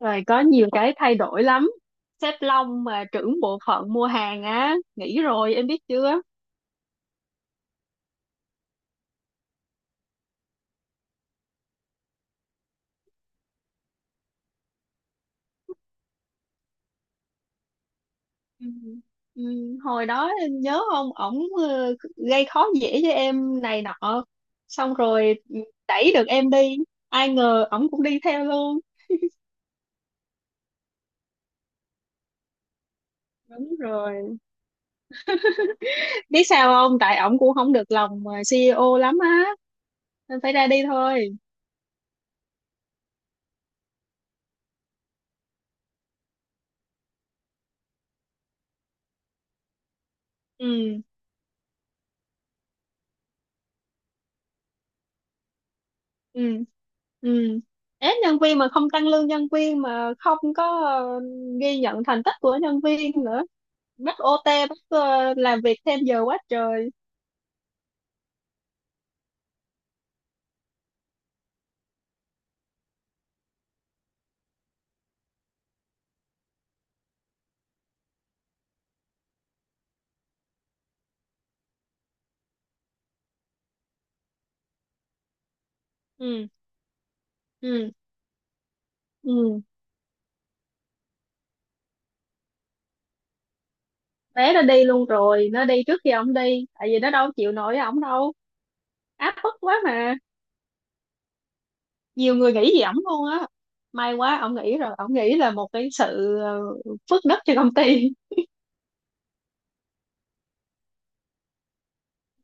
Rồi, có nhiều cái thay đổi lắm. Sếp Long mà trưởng bộ phận mua hàng á, nghỉ rồi em biết chưa? Ừ. Ừ, hồi đó em nhớ không, ổng gây khó dễ cho em này nọ, xong rồi đẩy được em đi, ai ngờ ổng cũng đi theo luôn. Đúng rồi. Biết sao không, tại ổng cũng không được lòng CEO lắm á, nên phải ra đi thôi. Ừ. Ừ. Ừ, ép nhân viên mà không tăng lương nhân viên, mà không có ghi nhận thành tích của nhân viên nữa. Bắt OT, bắt làm việc thêm giờ quá trời. Ừ. Ừ. Ừ, bé nó đi luôn rồi, nó đi trước khi ông đi, tại vì nó đâu chịu nổi ổng đâu. Áp bức quá mà. Nhiều người nghĩ gì ổng luôn á. May quá, ổng nghĩ rồi, ổng nghĩ là một cái sự phước đức cho công ty.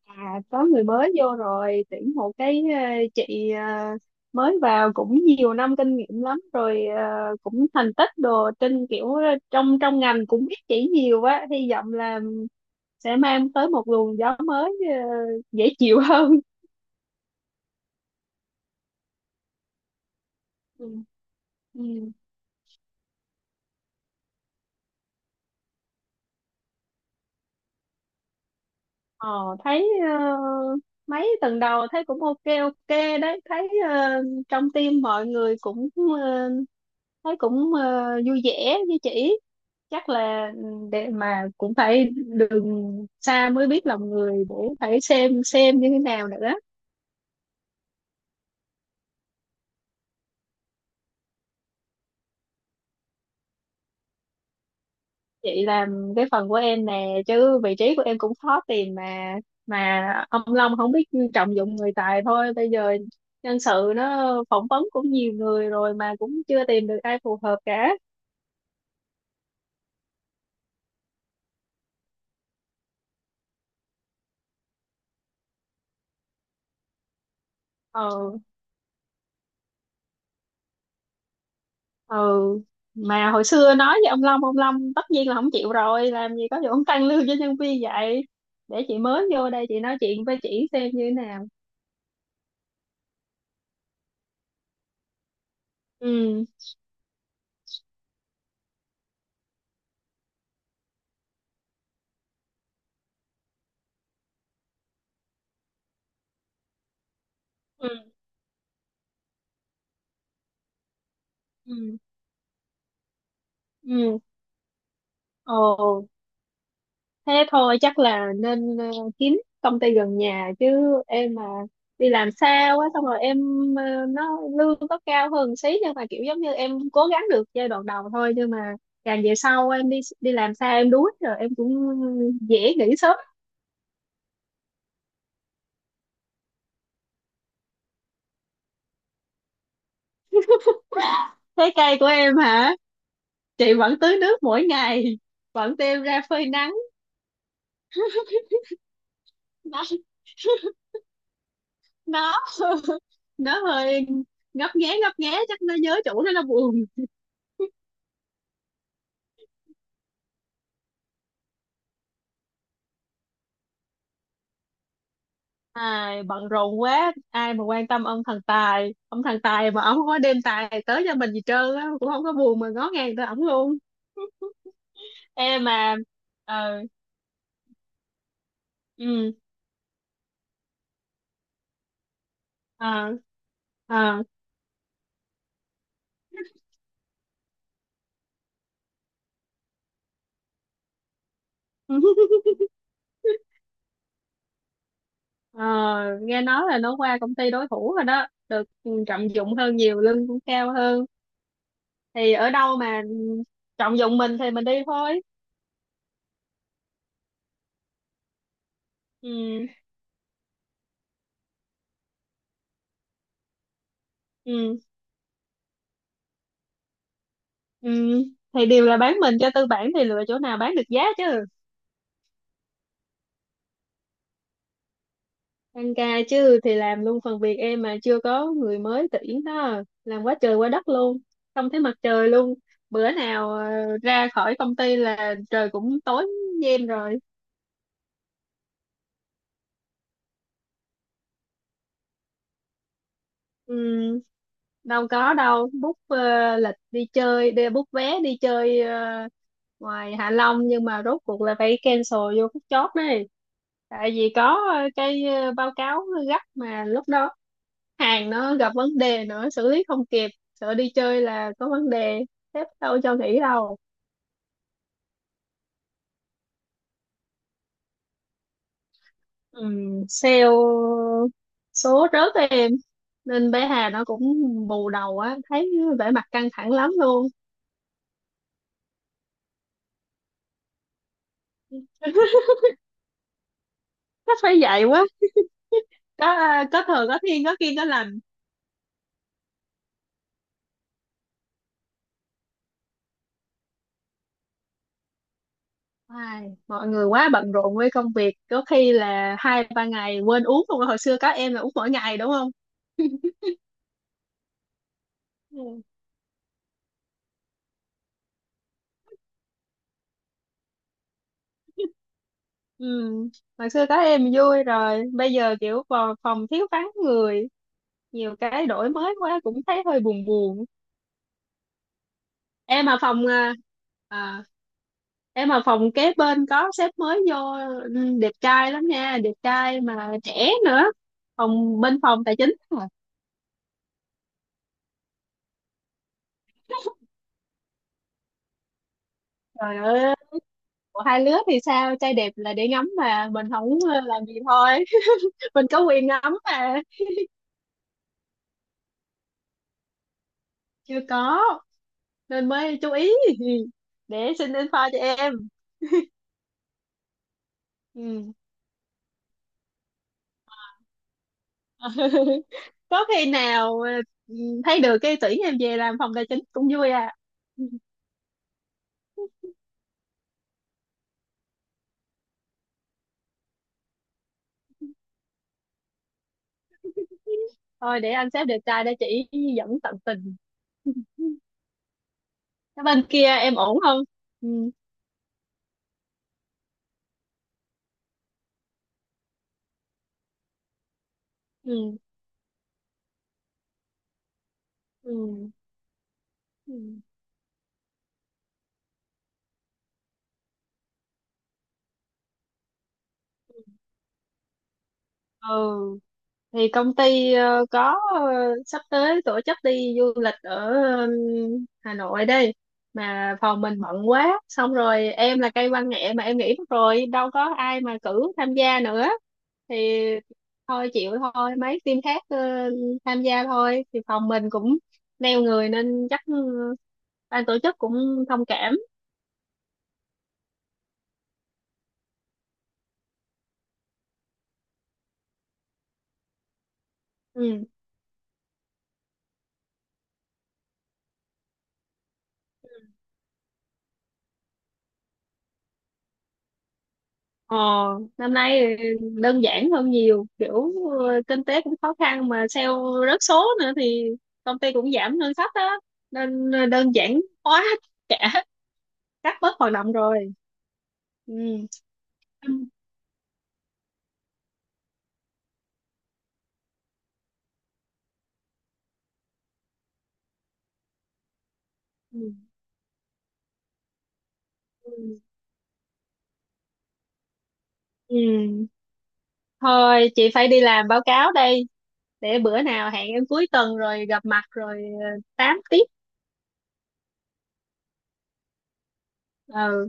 À, có người mới vô rồi, tuyển một cái chị mới vào, cũng nhiều năm kinh nghiệm lắm rồi, cũng thành tích đồ trên, kiểu trong trong ngành cũng biết chỉ nhiều, quá hy vọng là sẽ mang tới một luồng gió mới, dễ chịu hơn. Ừ. Ừ. Ờ, thấy ờ, mấy tuần đầu thấy cũng ok ok đấy, thấy trong team mọi người cũng ờ, thấy cũng vui vẻ với chị. Chắc là ừ, để mà cũng phải đường xa mới biết lòng người, để phải xem như thế nào nữa. Chị làm cái phần của em nè, chứ vị trí của em cũng khó tìm mà. Mà ông Long không biết trọng dụng người tài thôi. Bây giờ nhân sự nó phỏng vấn cũng nhiều người rồi mà cũng chưa tìm được ai phù hợp cả. Ừ. Ừ, mà hồi xưa nói với ông Long, ông Long tất nhiên là không chịu rồi, làm gì có vụ ông tăng lương cho nhân viên vậy. Để chị mới vô đây, chị nói chuyện với chị xem như thế nào. Ừ. Ừ. Ừ. Ừ. Ồ, thế thôi, chắc là nên kiếm công ty gần nhà chứ. Em mà đi làm xa quá, xong rồi em ờ, nó lương có cao hơn xí, nhưng mà kiểu giống như em cố gắng được giai đoạn đầu thôi, nhưng mà càng về sau em đi đi làm xa, em đuối rồi em cũng dễ nghỉ sớm. Thế cây của em hả? Chị vẫn tưới nước mỗi ngày, vẫn đem ra phơi nắng. nó nó nó hơi ngấp nghé ngấp nghé, chắc nó nhớ chủ, nó buồn. Ai bận rộn quá, ai mà quan tâm ông thần tài. Ông thần tài mà ông không có đem tài tới cho mình gì trơn á, cũng không có buồn mà ngó ngàng tới ổng luôn. Ê mà ờ. Ừ. Ờ. Ờ. Ờ, nghe nói là nó qua công ty đối thủ rồi đó, được trọng dụng hơn nhiều, lương cũng cao hơn. Thì ở đâu mà trọng dụng mình thì mình đi thôi. Ừ. Ừ. Ừ, thì đều là bán mình cho tư bản, thì lựa chỗ nào bán được giá chứ. Tăng ca chứ, thì làm luôn phần việc em mà chưa có người mới tuyển đó, làm quá trời quá đất luôn. Không thấy mặt trời luôn. Bữa nào ra khỏi công ty là trời cũng tối như em rồi. Ừm, Đâu có đâu, book lịch đi chơi, đi book vé đi chơi ngoài Hạ Long, nhưng mà rốt cuộc là phải cancel vô phút chót đấy. Tại vì có cái báo cáo gấp mà lúc đó hàng nó gặp vấn đề nữa, xử lý không kịp, sợ đi chơi là có vấn đề, sếp đâu cho nghỉ đâu. Sale số rớt em, nên bé Hà nó cũng bù đầu á, thấy vẻ mặt căng thẳng lắm luôn. Nó phải vậy quá. có có thừa, có thiên, có kiêng có lành. Ai, mọi người quá bận rộn với công việc, có khi là hai ba ngày quên uống. Không, hồi xưa các em là uống mỗi ngày đúng không. Ừ. Ừ, hồi xưa các em vui rồi, bây giờ kiểu vào phòng thiếu vắng người, nhiều cái đổi mới quá cũng thấy hơi buồn buồn. Em ở phòng à? À, em ở phòng kế bên có sếp mới vô. Ừ, đẹp trai lắm nha, đẹp trai mà trẻ nữa. Phòng bên phòng tài chính. Trời ơi, của hai lứa thì sao, trai đẹp là để ngắm mà, mình không làm gì thôi. Mình có quyền ngắm mà. Chưa có, nên mới chú ý để xin info cho em. Ừ. Có khi nào thấy được cái tuyển em về làm phòng tài chính cũng vui à. Thôi để anh sếp đẹp trai để chỉ dẫn tận tình. Cái bên kia em ổn không? Ừ. Ừ. Ừ. Ừ. Ừ. Thì công ty có sắp tới tổ chức đi du lịch ở Hà Nội đây, mà phòng mình bận quá, xong rồi em là cây văn nghệ mà em nghỉ mất rồi, đâu có ai mà cử tham gia nữa. Thì thôi chịu thôi, mấy team khác tham gia thôi, thì phòng mình cũng neo người nên chắc ừ, ban tổ chức cũng thông cảm. Ừ. Ờ, năm nay đơn giản hơn nhiều, kiểu kinh tế cũng khó khăn, mà sale rớt số nữa thì công ty cũng giảm ngân sách đó, nên đơn giản hóa cả các, bớt hoạt động rồi. Ừ. Ừ. Ừ. Ừ. Thôi chị phải đi làm báo cáo đây. Để bữa nào hẹn em cuối tuần rồi gặp mặt rồi tám tiếp. Ừ,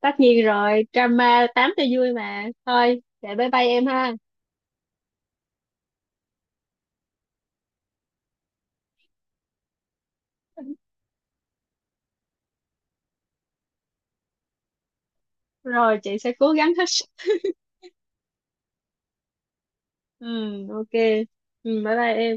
tất nhiên rồi, drama tám cho vui mà. Thôi để bye bye em ha. Rồi chị sẽ cố gắng hết. Ừ. Ok. Ừ, bye bye em.